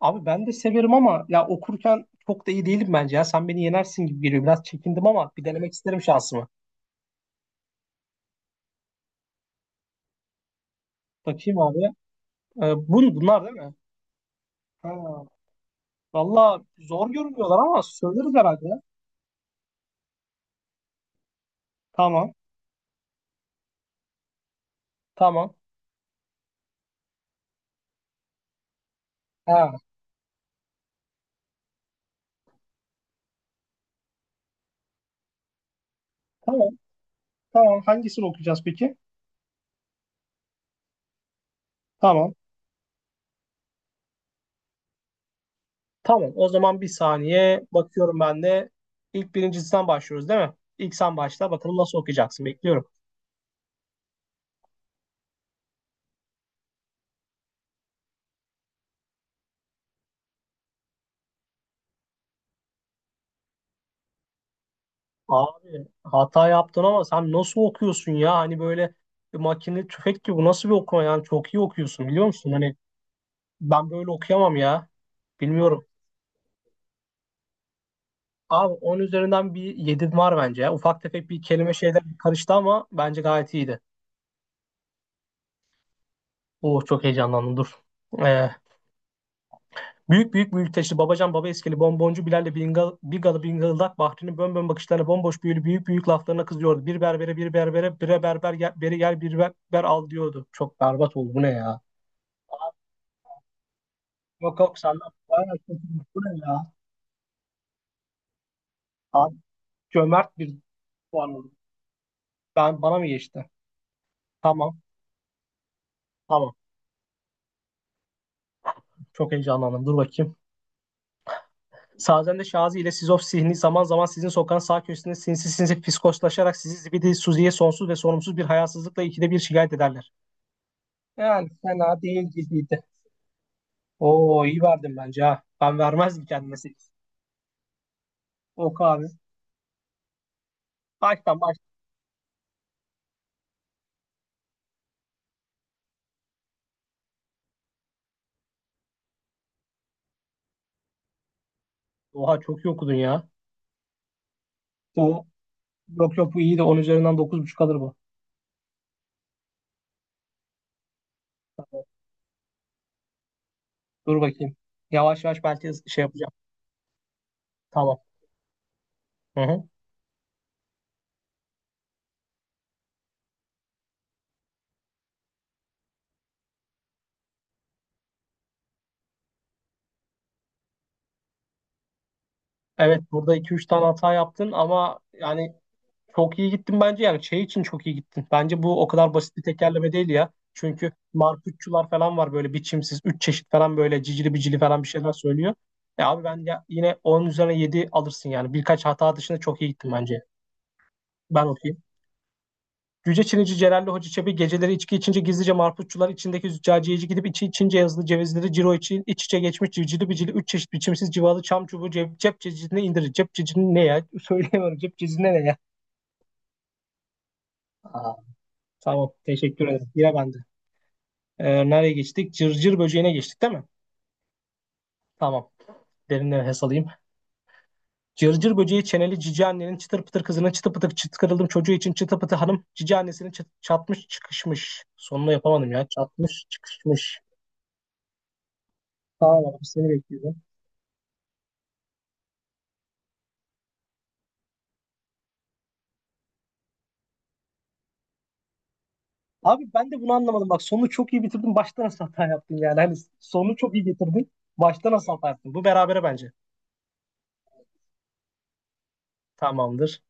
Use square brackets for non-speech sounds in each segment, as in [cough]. Abi ben de severim ama ya okurken çok da iyi değilim bence ya. Sen beni yenersin gibi geliyor. Biraz çekindim ama bir denemek isterim şansımı. Bakayım abi. Bunlar değil mi? Ha. Valla zor görünüyorlar ama söyleriz herhalde. Tamam. Tamam. Ha. Tamam. Tamam. Hangisini okuyacağız peki? Tamam. Tamam. O zaman bir saniye. Bakıyorum ben de. İlk birincisinden başlıyoruz değil mi? İlk sen başla. Bakalım nasıl okuyacaksın. Bekliyorum. Abi hata yaptın ama sen nasıl okuyorsun ya? Hani böyle makine tüfek gibi, bu nasıl bir okuma yani, çok iyi okuyorsun biliyor musun? Hani ben böyle okuyamam ya. Bilmiyorum. Abi 10 üzerinden bir 7 var bence ya. Ufak tefek bir kelime şeyler karıştı ama bence gayet iyiydi. Oh, çok heyecanlandım, dur. Ee, büyük büyük büyük teşli babacan baba eskili bonboncu Bilal'le bingal, Bigalı bingıldak Bahri'nin bön bön bakışlarına bomboş büyülü büyük büyük laflarına kızıyordu. Bir berbere bir berbere bire berber gel, beri gel bir berber al diyordu. Çok berbat oldu, bu ne ya? Yok yok, senden bayağı kötü bir süre ya. Abi, cömert bir puan oldu. Bana mı geçti? Tamam. Tamam. Çok heyecanlandım. Dur bakayım. Sazende Şazi ile Sizof Sihni zaman zaman sizin sokağın sağ köşesinde sinsi sinsi fiskoslaşarak sizi zibidi Suzi'ye sonsuz ve sorumsuz bir hayasızlıkla ikide bir şikayet ederler. Yani fena değil gibiydi. Oo, iyi verdim bence ha. Ben vermezdim kendime sekiz. Oku abi. Baştan baş. Oha, çok iyi okudun ya. Bu yok yok, bu iyiydi. On üzerinden dokuz buçuk alır bu. Dur bakayım. Yavaş yavaş belki şey yapacağım. Tamam. Hı hı. Evet, burada iki üç tane hata yaptın ama yani çok iyi gittin bence, yani şey için çok iyi gittin. Bence bu o kadar basit bir tekerleme değil ya. Çünkü marputçular falan var, böyle biçimsiz 3 çeşit falan, böyle cicili bicili falan bir şeyler söylüyor. Abi ben ya, yine 10 üzerine 7 alırsın yani, birkaç hata dışında çok iyi gittin bence. Ben okey. Cüce Çinici Celalli Hoca Çebi geceleri içki içince gizlice marputçular içindeki züccaciyeci gidip içi içince yazılı cevizleri ciro içi iç içe geçmiş civcili bicili üç çeşit biçimsiz civalı çam çubuğu cep, cep cecine indirir. Cep cecine ne ya? [laughs] Söyleyemiyorum. Cep cecine ne ya? Aa, tamam. Teşekkür ederim. Yine bende. Nereye geçtik? Cırcır böceğine geçtik değil mi? Tamam. Derinden nefes alayım. Cırcır böceği çeneli cici annenin çıtır pıtır kızının çıtı pıtır çıtkırıldım çocuğu için çıtı pıtı hanım cici annesinin çatmış çıkışmış. Sonunu yapamadım ya. Çatmış çıkışmış. Tamam abi, seni bekliyorum. Abi, ben de bunu anlamadım. Bak, sonu çok iyi bitirdin. Başta nasıl hata yaptın yani? Hani sonu çok iyi getirdin. Başta nasıl hata yaptın? Bu berabere bence. Tamamdır.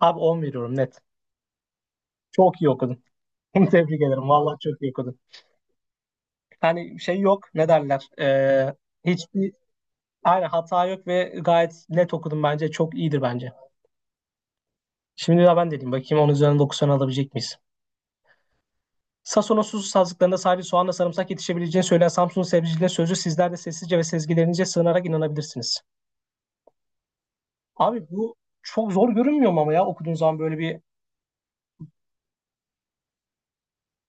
Abi, 10 veriyorum net. Çok iyi okudun. [laughs] Tebrik ederim. Vallahi çok iyi okudun. Hani şey yok. Ne derler? Hiçbir, aynen, hata yok ve gayet net okudun bence. Çok iyidir bence. Şimdi daha ben dedim. Bakayım, onun üzerinden 9 tane alabilecek miyiz? Sason'un susuz sazlıklarında sadece soğanla sarımsak yetişebileceğini söyleyen Samsun'un sebzeciliğinin sözü sizler de sessizce ve sezgilerinize sığınarak inanabilirsiniz. Abi bu çok zor görünmüyor mu ama ya, okuduğun zaman böyle bir,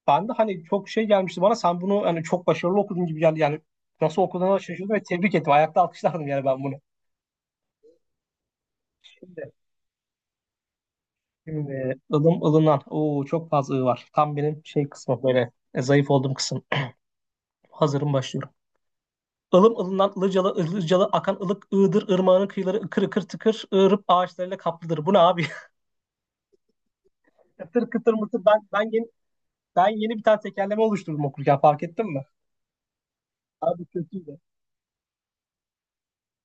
ben de hani çok şey gelmişti bana, sen bunu hani çok başarılı okudun gibi geldi yani, nasıl okuduğuna şaşırdım ve tebrik ettim, ayakta alkışlardım yani ben bunu. Şimdi, şimdi ılım ılınan, Oo, çok fazla ı var, tam benim şey kısmı, böyle zayıf olduğum kısım. Hazırım, başlıyorum. Ilım ılınan ılıcalı ılıcalı akan ılık ığdır ırmağının kıyıları ıkır ıkır tıkır ığırıp ağaçlarıyla kaplıdır. Bu ne abi? [laughs] Kıtır kıtır mıtır, ben yeni bir tane tekerleme oluşturdum, okurken fark ettin mi? Abi kötüydü.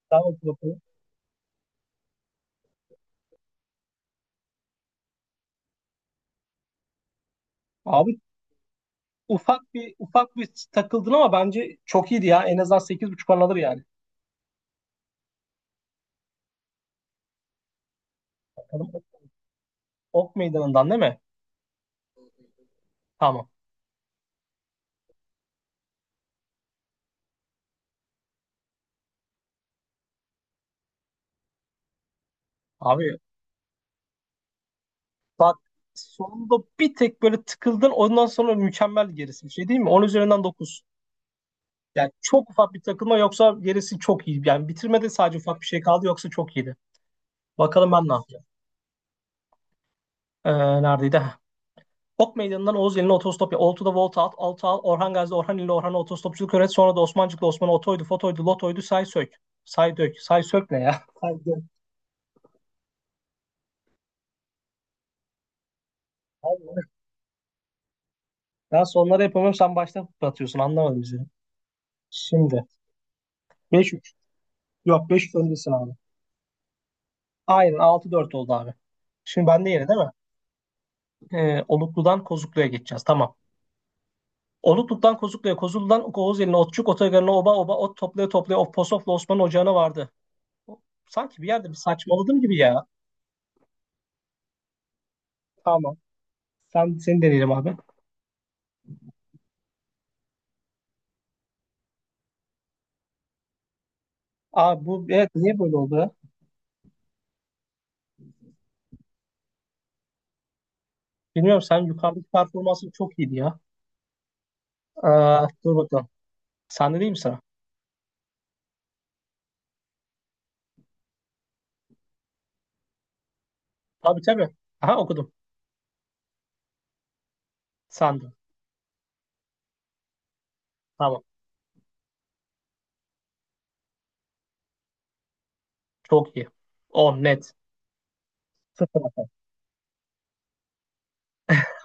Tamam. Abi, ufak bir takıldın ama bence çok iyiydi ya. En azından 8,5 buçuk alır yani. Bakalım, Ok Meydanı'ndan değil mi? Tamam. Abi bak, sonunda bir tek böyle tıkıldın, ondan sonra mükemmel, gerisi bir şey değil mi? 10 üzerinden 9. Yani çok ufak bir takılma, yoksa gerisi çok iyi. Yani bitirmede sadece ufak bir şey kaldı, yoksa çok iyiydi. Bakalım ben ne yapacağım. Ee, neredeydi? Ok Meydanı'ndan Oğuz Yeni'ne otostop ya. Oltu'da Volta at, Altı al, Orhan Gazi, Orhan İlli, Orhan'a otostopçuluk öğret. Sonra da Osmancıklı Osman'a otoydu, fotoydu, lotoydu, say sök. Say dök. Say sök ne ya? [laughs] Say dök. Allah, sonları yapamıyorum. Sen baştan atıyorsun. Anlamadım bizi. Şimdi. Beş 3. Yok, beş 3 öndesin abi. Aynen, altı dört oldu abi. Şimdi bende yeri değil mi? Oluklu'dan Kozuklu'ya geçeceğiz. Tamam. Oluklu'dan Kozuklu'ya, Kozuklu'dan Oğuz Oğuzeli'ne, Otçuk, Otogarı'na, Oba Oba, Ot toplaya toplaya, Of Posof'la Osman Ocağı'na vardı. Sanki bir yerde bir saçmaladım gibi ya. Tamam. Seni deneyelim abi. Abi bu, evet, niye böyle oldu ya? Bilmiyorum, sen, yukarıdaki performansın çok iyiydi ya. Aa, dur bakalım. Sende değil mi sıra? Tabii tabii. Aha, okudum. Sende. Tamam. Çok iyi. 10 net. Sıfır hata. [laughs]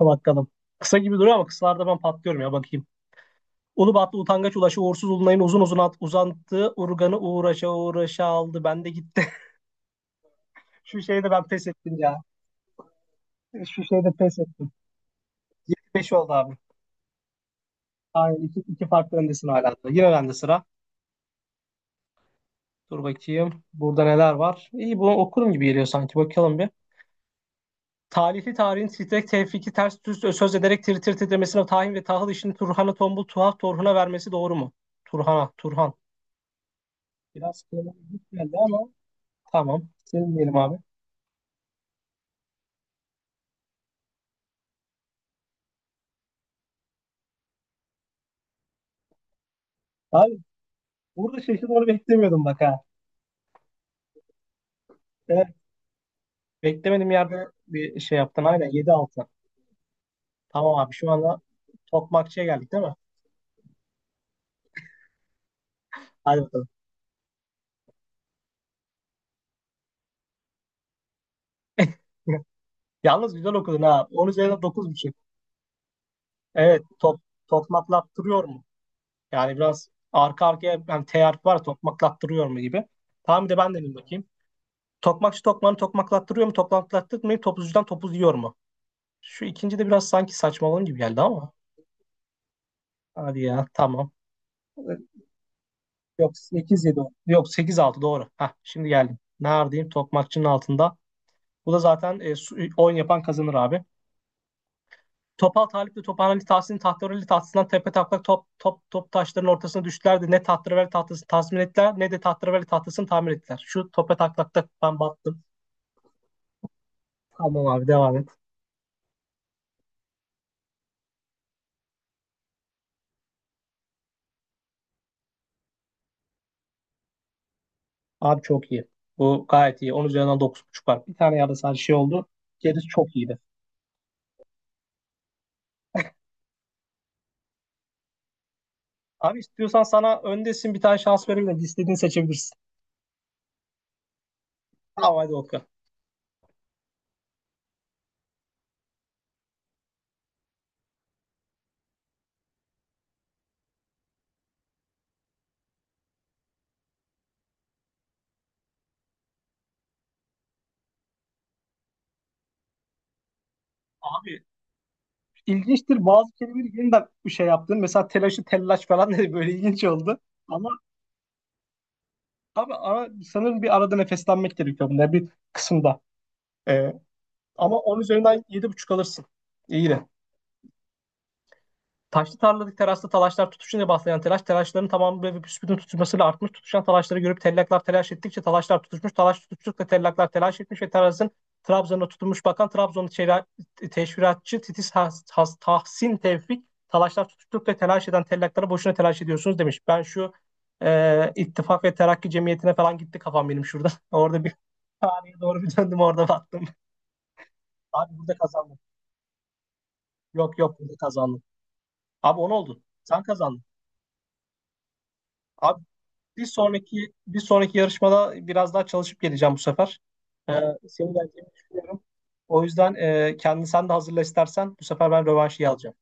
Bakalım. Kısa gibi duruyor ama kısalarda ben patlıyorum ya, bakayım. Ulubatlı utangaç ulaşı uğursuz ulunayın uzun uzun at, uzantığı urganı uğraşa uğraşa aldı. Ben de gitti. [laughs] Şu şeyde ben pes ettim ya. Şu şeyde pes ettim. 5 oldu abi. Aynen, iki farklı öndesin hala da. Yine bende sıra. Dur bakayım. Burada neler var? İyi, bunu okurum gibi geliyor sanki. Bakalım bir. Talihli tarihin titrek tevfiki ters düz söz ederek tir tir titremesine tahin ve tahıl işini Turhan'a tombul tuhaf Torhun'a vermesi doğru mu? Turhan'a, Turhan. Biraz kronolojik geldi ama tamam. Senin diyelim abi. Abi burada şaşırtmanı beklemiyordum bak ha. Evet, beklemedim yerde bir şey yaptın. Aynen, yedi altı. Tamam abi, şu anda tokmakçıya geldik değil mi? Hadi bakalım. [laughs] Yalnız güzel okudun ha. 10 üzerinden 9,5. Evet, tokmaklattırıyor mu? Yani biraz arka arkaya hani teyarp var ya, tokmaklattırıyor mu gibi. Tamam, bir de ben dedim bakayım. Tokmakçı tokmağını tokmaklattırıyor mu? Tokmaklattırmayıp topuzcudan topuz yiyor mu? Şu ikinci de biraz sanki saçmalığım gibi geldi ama. Hadi ya, tamam. Yok, sekiz yedi. Yok, sekiz altı. Doğru. Hah, şimdi geldim. Neredeyim? Tokmakçının altında. Bu da zaten oyun yapan kazanır abi. Topal Talip de Tophaneli Tahsin Tahtareli tahtasından tepe taklak top taşların ortasına düştüler de ne Tahtareli tahtasını tazmin ettiler ne de Tahtareli tahtasını tamir ettiler. Şu tope taklakta ben battım. Tamam abi, devam et. Abi çok iyi. Bu gayet iyi. 10 üzerinden 9,5 var. Bir tane yerde sadece şey oldu. Gerisi çok iyiydi. Abi istiyorsan, sana öndesin, bir tane şans vereyim de seçebilirsin. Tamam, hadi Okan. Abi ilginçtir, bazı kelimeleri yeniden bir şey yaptın. Mesela telaşı tellaş falan dedi, böyle ilginç oldu. Ama abi ara, sanırım bir arada nefeslenmek gerekiyor bunda bir kısımda. Ee, ama 10 üzerinden yedi buçuk alırsın. İyi de. Taşlı tarladık terasta talaşlar tutuşunca başlayan telaş, telaşların tamamı ve büsbütün tutuşmasıyla artmış. Tutuşan talaşları görüp tellaklar telaş ettikçe talaşlar tutuşmuş. Talaş tutuştukça tellaklar telaş etmiş ve terasın Trabzon'a tutunmuş, bakan Trabzonlu çela-, teşviratçı Titiz Has, Has-, Tahsin Tevfik, talaşlar tutuştukça telaş eden tellaklara boşuna telaş ediyorsunuz demiş. Ben şu İttifak ve Terakki Cemiyeti'ne falan gitti kafam benim şurada. [laughs] Orada bir, tarihe doğru bir döndüm, orada baktım. Abi burada kazandım. Yok yok, burada kazandım. Abi, o ne oldu? Sen kazandın. Abi, bir sonraki yarışmada biraz daha çalışıp geleceğim bu sefer. Ee, senin geleceğini düşünüyorum. O yüzden kendini sen de hazırla istersen. Bu sefer ben rövanşıyı alacağım.